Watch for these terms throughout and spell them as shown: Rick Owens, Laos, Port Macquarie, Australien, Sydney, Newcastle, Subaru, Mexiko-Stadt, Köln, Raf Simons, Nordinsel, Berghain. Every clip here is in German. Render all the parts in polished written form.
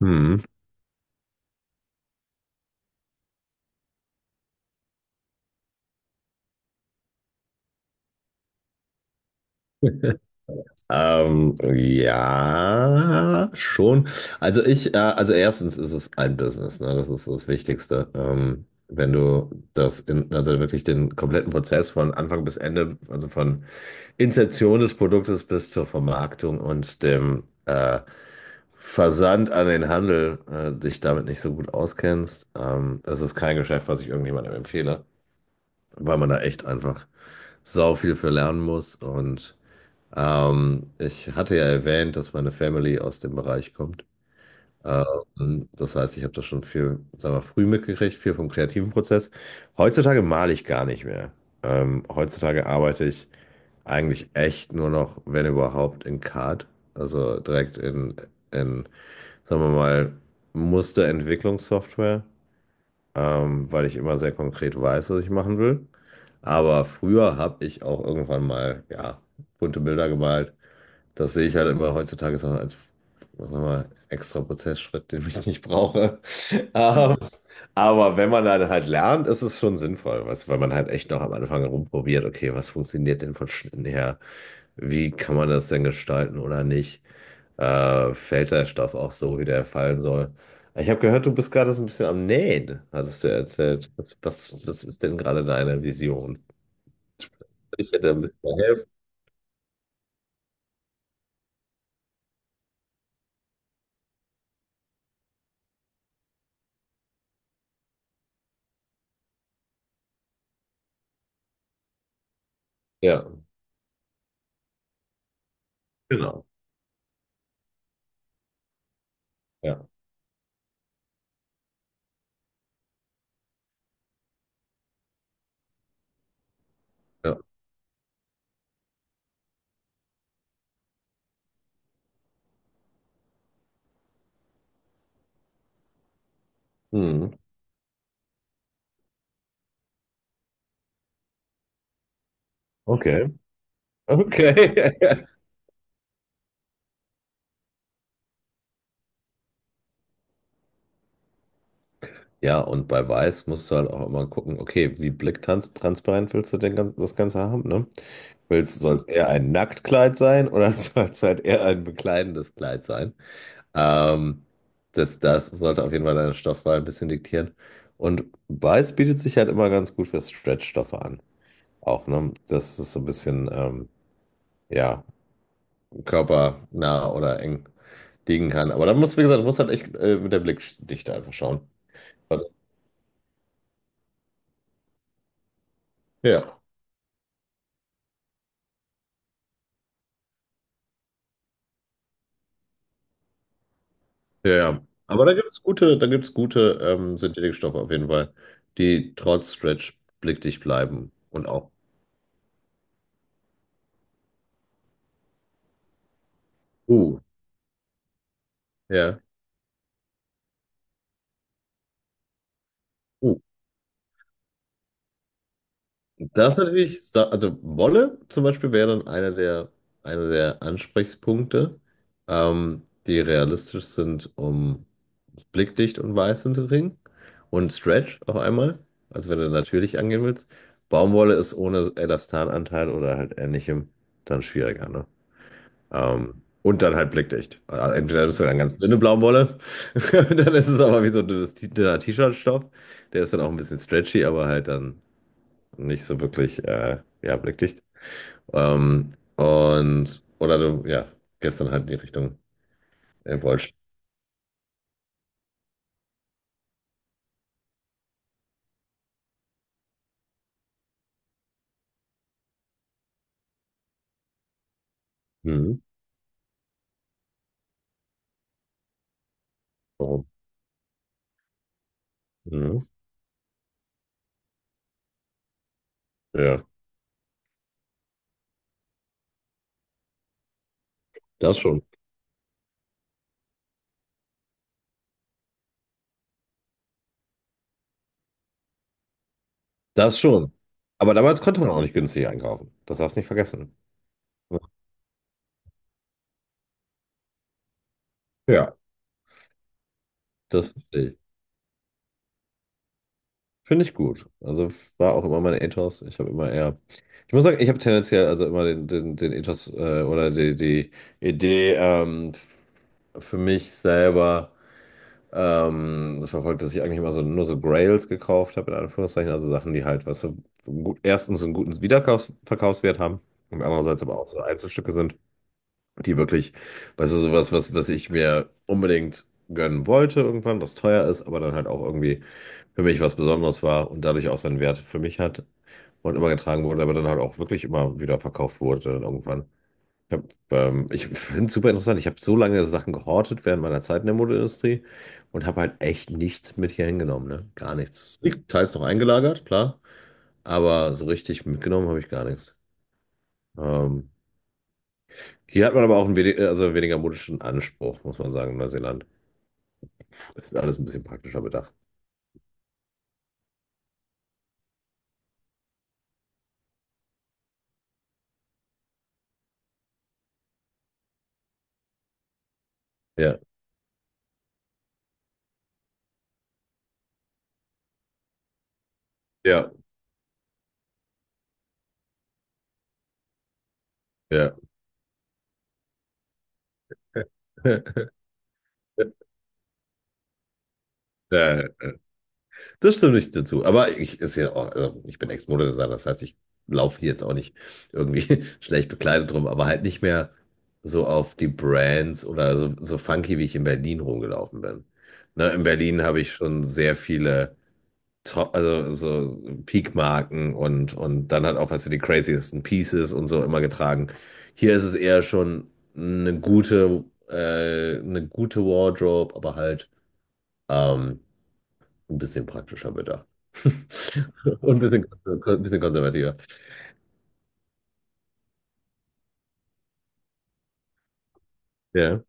Hm. Ja, schon. Also erstens ist es ein Business, ne? Das ist das Wichtigste. Wenn du das in, also wirklich den kompletten Prozess von Anfang bis Ende, also von Inzeption des Produktes bis zur Vermarktung und dem Versand an den Handel, dich damit nicht so gut auskennst, das ist kein Geschäft, was ich irgendjemandem empfehle, weil man da echt einfach sau viel für lernen muss und ich hatte ja erwähnt, dass meine Family aus dem Bereich kommt. Das heißt, ich habe das schon viel, sagen wir, früh mitgekriegt, viel vom kreativen Prozess. Heutzutage male ich gar nicht mehr. Heutzutage arbeite ich eigentlich echt nur noch, wenn überhaupt, in CAD, also direkt in, sagen wir mal, Musterentwicklungssoftware, weil ich immer sehr konkret weiß, was ich machen will. Aber früher habe ich auch irgendwann mal, ja, bunte Bilder gemalt. Das sehe ich halt immer heutzutage so als, was sagen wir extra Prozessschritt, den ich nicht brauche. Mhm. Aber wenn man dann halt lernt, ist es schon sinnvoll, was, weil man halt echt noch am Anfang rumprobiert, okay, was funktioniert denn von Schnitten her? Wie kann man das denn gestalten oder nicht? Fällt der Stoff auch so, wie der fallen soll? Ich habe gehört, du bist gerade so ein bisschen am Nähen, hattest du erzählt. Was ist denn gerade deine Vision? Ich hätte ein bisschen helfen. Ja, genau. Ja, ja. Hm. Okay. Okay. Ja, und bei Weiß musst du halt auch immer gucken, okay, wie blicktransparent willst du denn ganz, das Ganze haben, ne? Willst, soll es eher ein Nacktkleid sein oder soll es halt eher ein bekleidendes Kleid sein? Ähm, das, das sollte auf jeden Fall deine Stoffwahl ein bisschen diktieren. Und Weiß bietet sich halt immer ganz gut für Stretchstoffe an. Auch, ne? Dass es so ein bisschen, ja, körpernah oder eng liegen kann. Aber da muss, wie gesagt, muss halt echt mit der Blickdichte einfach schauen. Also, ja. Ja, ja. Aber da gibt es gute, da gibt's gute Synthetikstoffe auf jeden Fall, die trotz Stretch blickdicht bleiben. Und auch. Uh, ja. Uh. Das ist natürlich, also Wolle zum Beispiel wäre dann einer der Ansprechpunkte, ähm, die realistisch sind, um blickdicht und weiß hinzukriegen. Und Stretch auf einmal, also wenn du natürlich angehen willst. Baumwolle ist ohne Elastananteil oder halt ähnlichem dann schwieriger, ne? Und dann halt blickdicht. Also entweder nimmst du dann ganz dünne Baumwolle, dann ist es aber wie so ein dünner T-Shirt-Stoff. Der ist dann auch ein bisschen stretchy, aber halt dann nicht so wirklich, ja, blickdicht. Oder du, ja, gestern halt in die Richtung Wollsch. Mhm. Warum? Mhm. Ja, das schon. Das schon. Aber damals konnte man auch nicht günstig einkaufen. Das darfst du nicht vergessen. Ja, das verstehe ich. Finde ich gut. Also war auch immer mein Ethos. Ich habe immer eher, ich muss sagen, ich habe tendenziell also immer den Ethos oder die Idee für mich selber so verfolgt, dass ich eigentlich immer so nur so Grails gekauft habe, in Anführungszeichen. Also Sachen, die halt, was weißt du, gut, erstens einen guten Wiederverkaufswert haben und andererseits aber auch so Einzelstücke sind, die wirklich, weißt du, sowas, was ich mir unbedingt gönnen wollte irgendwann, was teuer ist, aber dann halt auch irgendwie für mich was Besonderes war und dadurch auch seinen Wert für mich hat und immer getragen wurde, aber dann halt auch wirklich immer wieder verkauft wurde dann irgendwann. Ich, hab, Ich finde es super interessant. Ich habe so lange Sachen gehortet während meiner Zeit in der Modeindustrie und habe halt echt nichts mit hier hingenommen, ne? Gar nichts. Liegt Teils noch eingelagert, klar, aber so richtig mitgenommen habe ich gar nichts. Ähm, hier hat man aber auch einen also weniger modischen Anspruch, muss man sagen, in Neuseeland. Das ist alles ein bisschen praktischer bedacht. Ja, ja, ja. Ja, das stimmt nicht dazu. Aber ich, ist ja auch, also ich bin Ex-Modedesigner, das heißt, ich laufe hier jetzt auch nicht irgendwie schlecht bekleidet rum, aber halt nicht mehr so auf die Brands oder so, so funky, wie ich in Berlin rumgelaufen bin. Ne, in Berlin habe ich schon sehr viele Top, also so Peak-Marken und dann halt auch, weißt du, die craziesten Pieces und so immer getragen. Hier ist es eher schon eine gute Wardrobe, aber halt. Ähm, ein bisschen praktischer bedacht. Und ein bisschen konservativer. Ja.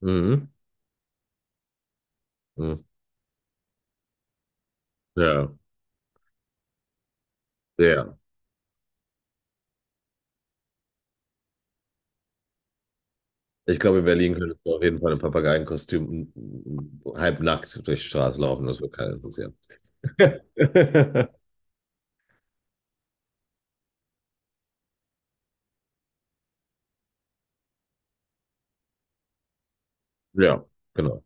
Mhm. Mhm. Ja. Ja. Ich glaube, in Berlin könntest du auf jeden Fall im Papageienkostüm halbnackt durch die Straße laufen. Das wird keinen interessieren. Ja, genau.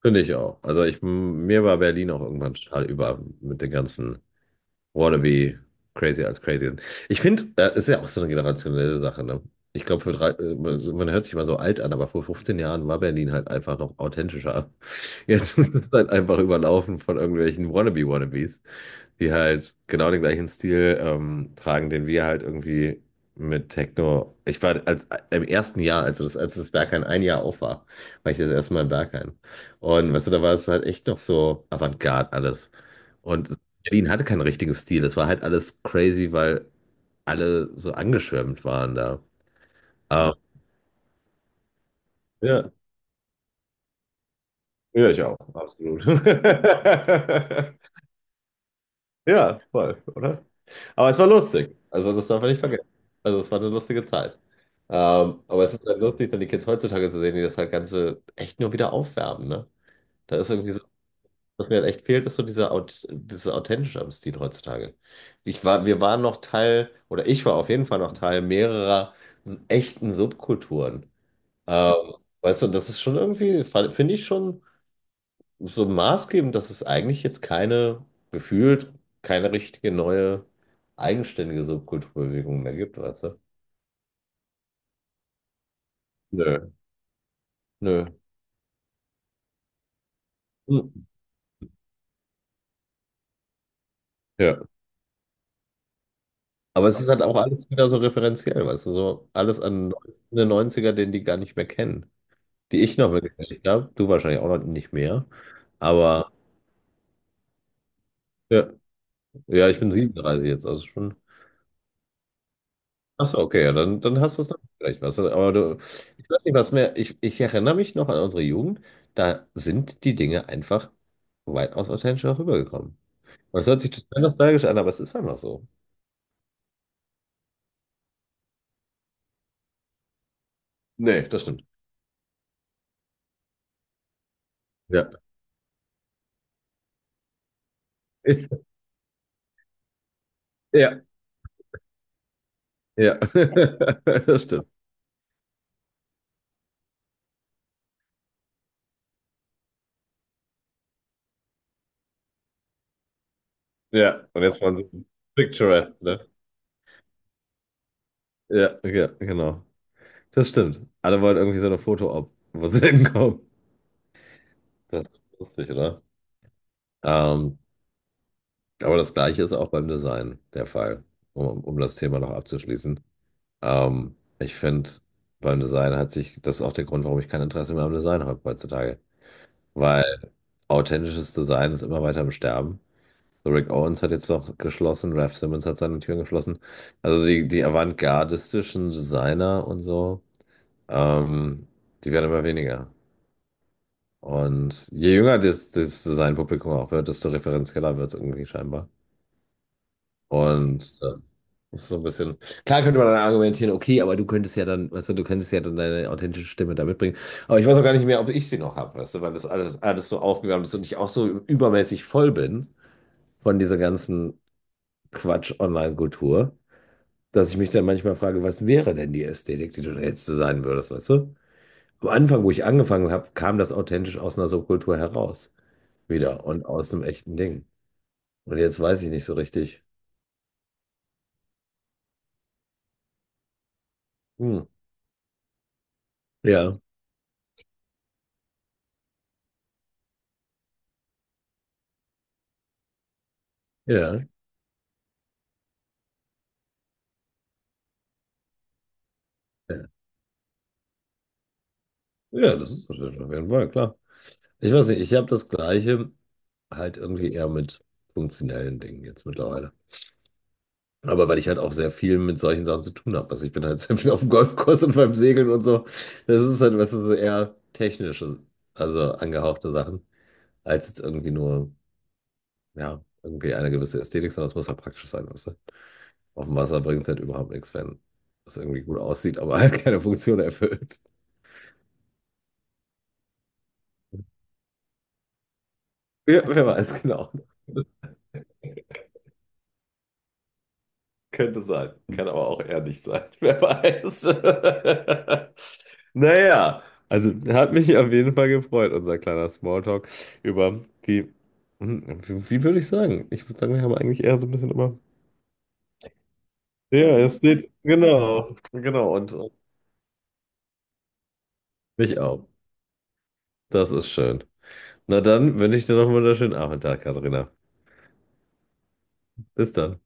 Finde ich auch. Also ich, mir war Berlin auch irgendwann total über mit den ganzen Wannabe crazy als crazy sind. Ich finde, ist ja auch so eine generationelle Sache, ne? Ich glaube, man hört sich mal so alt an, aber vor 15 Jahren war Berlin halt einfach noch authentischer. Jetzt ist es halt einfach überlaufen von irgendwelchen Wannabe-Wannabes, die halt genau den gleichen Stil tragen, den wir halt irgendwie mit Techno. Ich war als im ersten Jahr, also das, als das Berghain ein Jahr auf war, war ich das erste Mal im Berghain. Und weißt du, da war es halt echt noch so Avantgarde alles. Und Berlin hatte keinen richtigen Stil. Das war halt alles crazy, weil alle so angeschwärmt waren da. Ähm, Ja, ja, ich auch, absolut. Ja, voll, oder? Aber es war lustig. Also, das darf man nicht vergessen. Also, es war eine lustige Zeit. Aber es ist halt lustig, dann die Kids heutzutage zu sehen, die das halt Ganze echt nur wieder aufwärmen, ne? Da ist irgendwie was mir halt echt fehlt, ist so dieser, Aut dieses Authentische am Stil heutzutage. Wir waren noch Teil, oder ich war auf jeden Fall noch Teil mehrerer echten Subkulturen. Ähm, weißt du, das ist schon irgendwie, finde ich schon so maßgebend, dass es eigentlich jetzt keine, gefühlt, keine richtige neue, eigenständige Subkulturbewegung mehr gibt, weißt du? Nö, nö. Hm. Ja. Aber es ist halt auch alles wieder so referenziell, weißt du, so alles an den Neunziger den die gar nicht mehr kennen. Die ich noch mitgekriegt habe. Du wahrscheinlich auch noch nicht mehr. Aber ja, ja, ich bin 37 jetzt, also schon. Achso, okay, ja, dann hast du es noch vielleicht was. Aber du, ich weiß nicht, was mehr. Ich erinnere mich noch an unsere Jugend. Da sind die Dinge einfach weitaus authentischer rübergekommen. Und es hört sich total nostalgisch an, aber es ist einfach so. Nee, das stimmt. Ja. Ja, ja. Das stimmt. Ja. Und jetzt waren sie picturesque, ne? Ja, ja, genau. Das stimmt. Alle wollen irgendwie so eine Foto-Op, wo sie hinkommen. Das ist lustig, oder? Ähm, aber das Gleiche ist auch beim Design der Fall, um das Thema noch abzuschließen. Ich finde, beim Design hat sich, das ist auch der Grund, warum ich kein Interesse mehr am Design habe heutzutage. Weil authentisches Design ist immer weiter am Sterben. So Rick Owens hat jetzt noch geschlossen, Raf Simons hat seine Türen geschlossen. Also die avantgardistischen Designer und so, ähm, die werden immer weniger. Und je jünger das sein Publikum auch wird, desto referenzieller wird es irgendwie scheinbar. Und das ist so ein bisschen. Klar könnte man dann argumentieren, okay, aber du könntest ja dann, weißt du, du könntest ja dann deine authentische Stimme da mitbringen. Aber ich weiß auch gar nicht mehr, ob ich sie noch habe, weißt du, weil das alles, alles so aufgegangen ist und ich auch so übermäßig voll bin von dieser ganzen Quatsch-Online-Kultur, dass ich mich dann manchmal frage, was wäre denn die Ästhetik, die du da jetzt designen würdest, weißt du? Am Anfang, wo ich angefangen habe, kam das authentisch aus einer Subkultur heraus. Wieder und aus einem echten Ding. Und jetzt weiß ich nicht so richtig. Hm. Ja, ja, ja, ja, das ist natürlich auf jeden Fall klar. Ich weiß nicht, ich habe das Gleiche halt irgendwie eher mit funktionellen Dingen jetzt mittlerweile. Aber weil ich halt auch sehr viel mit solchen Sachen zu tun habe. Also ich bin halt sehr viel auf dem Golfkurs und beim Segeln und so. Das ist halt, was ist eher technische, also angehauchte Sachen, als jetzt irgendwie nur, ja, irgendwie eine gewisse Ästhetik, sondern es muss halt praktisch sein, weißt du? Auf dem Wasser bringt es halt überhaupt nichts, wenn es irgendwie gut aussieht, aber halt keine Funktion erfüllt. Ja, wer weiß genau. Könnte sein. Kann aber auch eher nicht sein. Wer weiß. Naja, also hat mich auf jeden Fall gefreut, unser kleiner Smalltalk über die, hm, wie, wie würde ich sagen? Ich würde sagen, wir haben eigentlich eher so ein bisschen immer. Ja, es steht, genau, genau, und mich auch. Das ist schön. Na dann wünsche ich dir noch einen wunderschönen Abend, Katharina. Bis dann.